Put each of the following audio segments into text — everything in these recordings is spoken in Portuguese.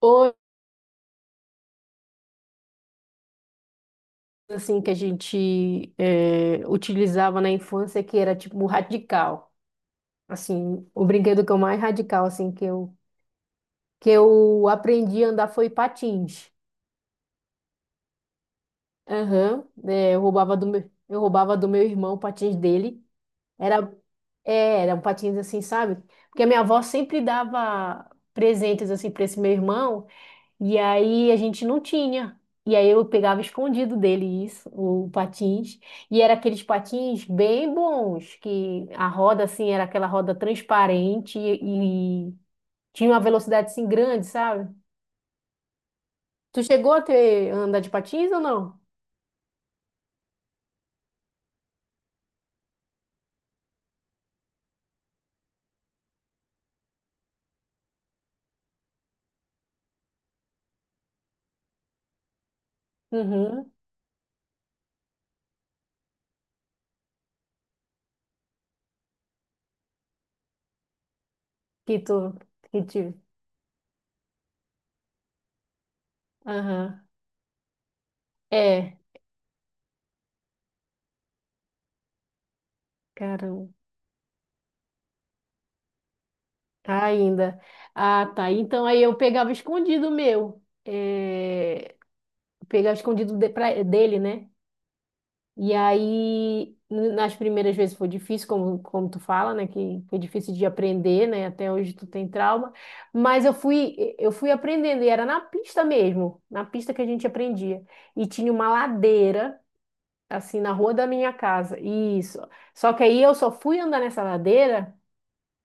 Ou assim que a gente utilizava na infância que era tipo radical. Assim, o brinquedo que eu mais radical assim que eu aprendi a andar foi patins. Aham, né, eu roubava do meu irmão o patins dele. Era era um patins assim, sabe? Porque a minha avó sempre dava presentes assim para esse meu irmão. E aí a gente não tinha. E aí eu pegava escondido dele isso, o patins. E era aqueles patins bem bons, que a roda assim era aquela roda transparente e tinha uma velocidade assim grande, sabe? Tu chegou a ter andar de patins ou não? Uhum. Que tu que te... Aham. É, caramba. Tá. Ainda. Ah, tá. Então aí eu pegava escondido o meu. É, pegava escondido dele, né? E aí, nas primeiras vezes foi difícil, como, como tu fala, né? Que foi difícil de aprender, né? Até hoje tu tem trauma. Mas eu fui aprendendo, e era na pista mesmo, na pista que a gente aprendia. E tinha uma ladeira, assim, na rua da minha casa. Isso. Só que aí eu só fui andar nessa ladeira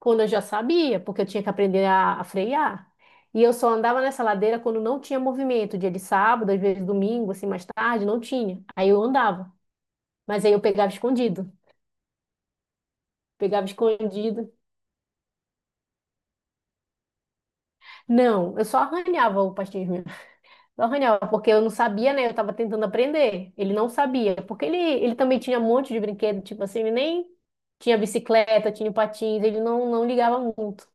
quando eu já sabia, porque eu tinha que aprender a frear. E eu só andava nessa ladeira quando não tinha movimento, dia de sábado, às vezes domingo, assim, mais tarde, não tinha. Aí eu andava. Mas aí eu pegava escondido. Pegava escondido. Não, eu só arranhava o pastinho mesmo. Só arranhava, porque eu não sabia, né? Eu tava tentando aprender. Ele não sabia. Porque ele também tinha um monte de brinquedo, tipo assim, ele nem tinha bicicleta, tinha patins, ele não ligava muito.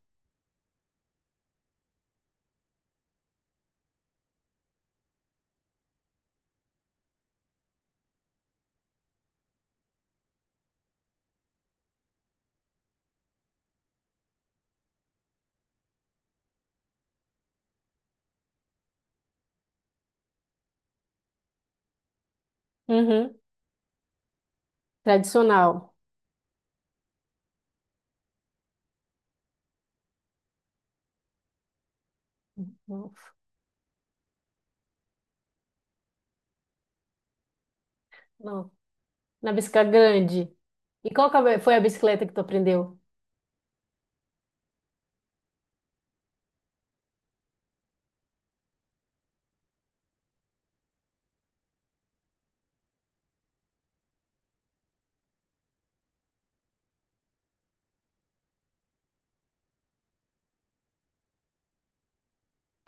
Uhum. Tradicional. Não, não. Na bicicleta grande. E qual que foi a bicicleta que tu aprendeu?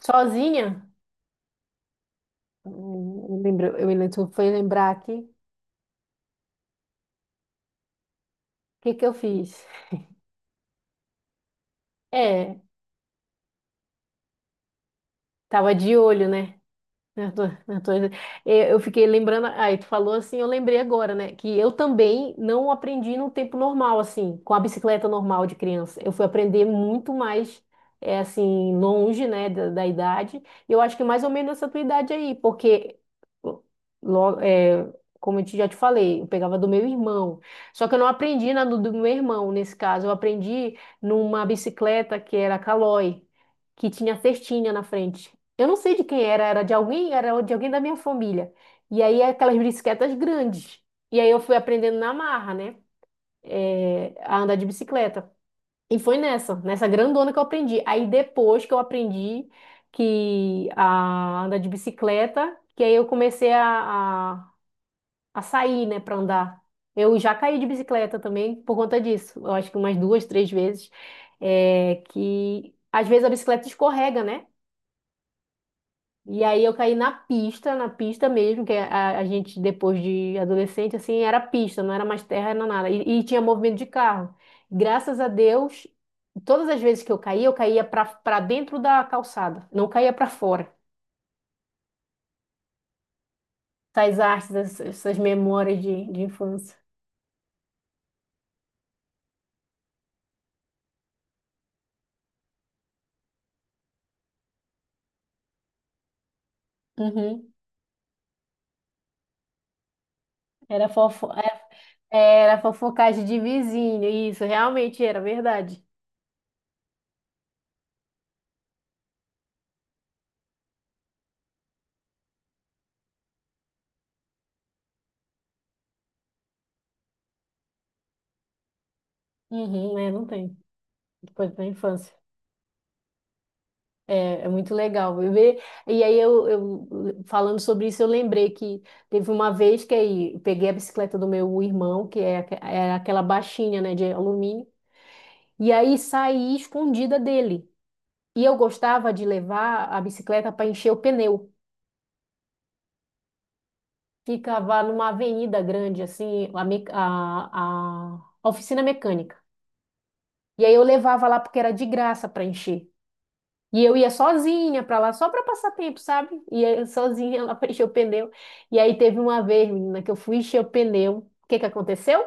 Sozinha? Eu me lembro, foi lembrar aqui. O que que eu fiz? É, tava de olho, né? Eu tô- eu tô- é, eu fiquei lembrando, aí tu falou assim, eu lembrei agora, né, que eu também não aprendi no tempo normal, assim, com a bicicleta normal de criança. Eu fui aprender muito mais, é, assim, longe, né, da idade. E eu acho que é mais ou menos essa tua idade aí, porque, logo, como já te falei, eu pegava do meu irmão. Só que eu não aprendi na do meu irmão, nesse caso. Eu aprendi numa bicicleta que era Caloi, que tinha cestinha na frente. Eu não sei de quem era, era de alguém da minha família. E aí aquelas bicicletas grandes. E aí eu fui aprendendo na marra, né? A andar de bicicleta. E foi nessa grandona que eu aprendi. Aí depois que eu aprendi que a andar de bicicleta, que aí eu comecei a sair, né, para andar. Eu já caí de bicicleta também por conta disso. Eu acho que umas duas, três vezes. É, que às vezes a bicicleta escorrega, né? E aí eu caí na pista mesmo, que a gente, depois de adolescente, assim, era pista, não era mais terra, era nada. E tinha movimento de carro. Graças a Deus, todas as vezes que eu caía para dentro da calçada, não caía para fora. Essas artes, essas memórias de infância. Uhum. Era fofo, é, era fofocagem de vizinho, isso, realmente era verdade. Uhum, é, não tem, coisa da infância. É é muito legal ver. E aí falando sobre isso, eu lembrei que teve uma vez que aí eu peguei a bicicleta do meu irmão, que é, era aquela baixinha, né, de alumínio, e aí saí escondida dele. E eu gostava de levar a bicicleta para encher o pneu. Ficava numa avenida grande, assim, a oficina mecânica. E aí eu levava lá porque era de graça para encher. E eu ia sozinha pra lá, só pra passar tempo, sabe? Ia sozinha lá pra encher o pneu. E aí teve uma vez, menina, que eu fui encher o pneu. O que que aconteceu?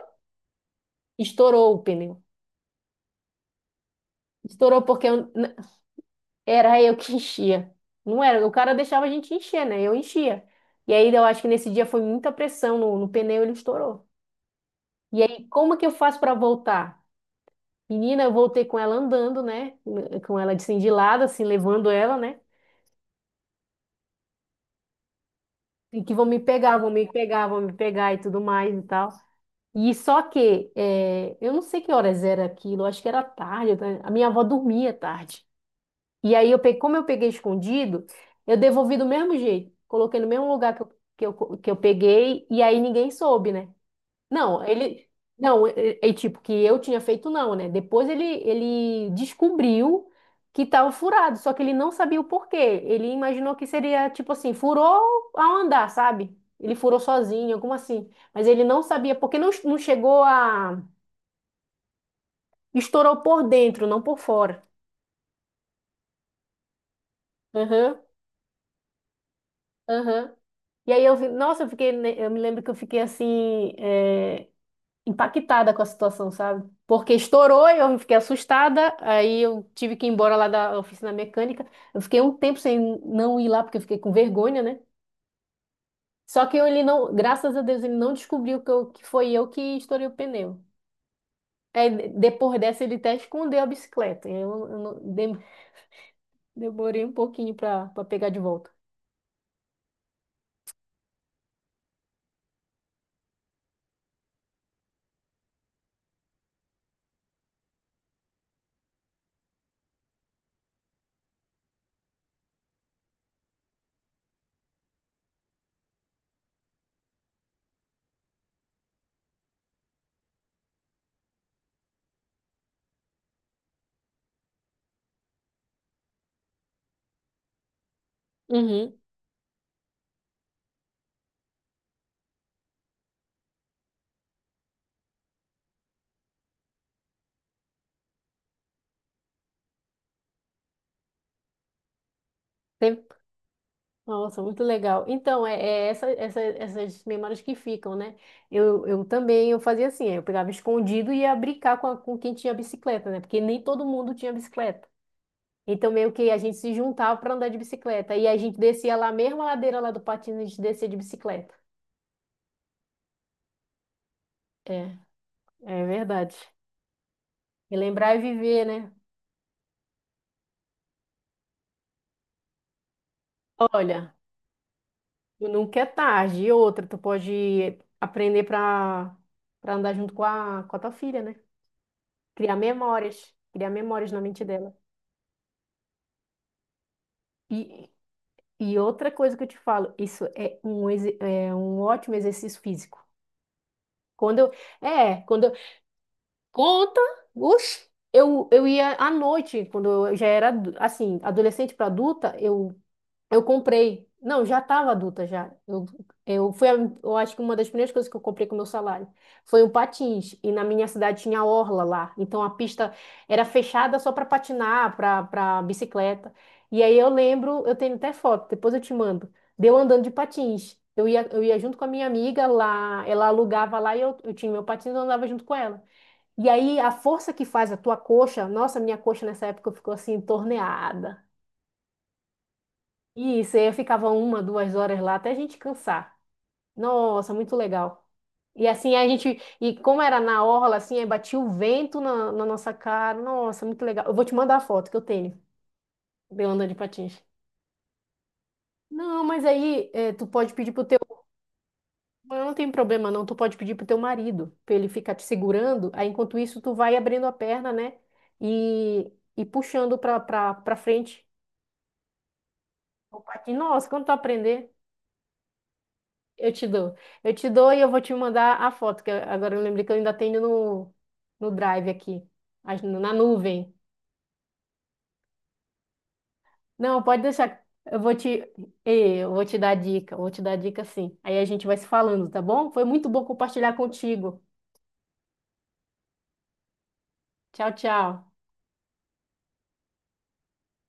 Estourou o pneu. Estourou era eu que enchia. Não era, o cara deixava a gente encher, né? Eu enchia. E aí eu acho que nesse dia foi muita pressão no pneu, ele estourou. E aí, como que eu faço pra voltar? Menina, eu voltei com ela andando, né? Com ela assim, de lado, assim, levando ela, né? E que vão me pegar, vão me pegar, vão me pegar e tudo mais e tal. E só que, eu não sei que horas era aquilo, acho que era tarde, né? A minha avó dormia tarde. E aí, como eu peguei escondido, eu devolvi do mesmo jeito. Coloquei no mesmo lugar que eu peguei, e aí ninguém soube, né? Não, ele. Não, é, é é tipo que eu tinha feito, não, né? Depois ele descobriu que estava furado, só que ele não sabia o porquê. Ele imaginou que seria tipo assim, furou ao andar, sabe? Ele furou sozinho, alguma assim. Mas ele não sabia, porque não chegou a. Estourou por dentro, não por fora. Aham, aham. E aí eu vi, nossa, eu fiquei, né, eu me lembro que eu fiquei assim, é, impactada com a situação, sabe? Porque estourou e eu fiquei assustada, aí eu tive que ir embora lá da oficina mecânica. Eu fiquei um tempo sem não ir lá porque eu fiquei com vergonha, né? Só que ele não, graças a Deus, ele não descobriu que foi eu que estourei o pneu. Aí, depois dessa, ele até escondeu a bicicleta. Eu não- dem- demorei um pouquinho para pegar de volta. Uhum. Teve. Nossa, muito legal. Então, é, essas memórias que ficam, né? Eu também eu fazia assim, eu pegava escondido e ia brincar com, com quem tinha bicicleta, né? Porque nem todo mundo tinha bicicleta. Então, meio que a gente se juntava para andar de bicicleta. E a gente descia lá, mesmo a ladeira lá do patins, a gente descia de bicicleta. É, é verdade. Relembrar e viver, né? Olha, nunca é tarde. E outra, tu pode aprender para andar junto com a tua filha, né? Criar memórias. Criar memórias na mente dela. E, e outra coisa que eu te falo, isso é um, é um ótimo exercício físico. Quando eu, quando eu, conta, oxe, eu ia à noite, quando eu já era assim, adolescente para adulta, eu comprei. Não, já estava adulta já. Eu foi, a- eu acho que uma das primeiras coisas que eu comprei com o meu salário foi um patins. E na minha cidade tinha orla lá. Então a pista era fechada só para patinar, para bicicleta. E aí eu lembro, eu tenho até foto, depois eu te mando. Deu andando de patins. Eu ia junto com a minha amiga lá, ela alugava lá e eu tinha meu patins, eu andava junto com ela. E aí a força que faz a tua coxa, nossa, minha coxa nessa época ficou assim torneada. E isso, aí eu ficava uma, duas horas lá até a gente cansar. Nossa, muito legal. E assim a gente, e como era na orla, assim, aí batia o vento na nossa cara. Nossa, muito legal. Eu vou te mandar a foto que eu tenho de eu andando de patins. Não, mas aí tu pode pedir pro teu. Não tem problema, não. Tu pode pedir pro teu marido, pra ele ficar te segurando. Aí enquanto isso, tu vai abrindo a perna, né? E puxando pra frente. O patins. Nossa, quando tu aprender. Eu te dou. Eu te dou e eu vou te mandar a foto, agora eu lembrei que eu ainda tenho no Drive aqui, na nuvem. Não, pode deixar. Eu vou te dar dica, eu vou te dar dica sim. Aí a gente vai se falando, tá bom? Foi muito bom compartilhar contigo. Tchau, tchau.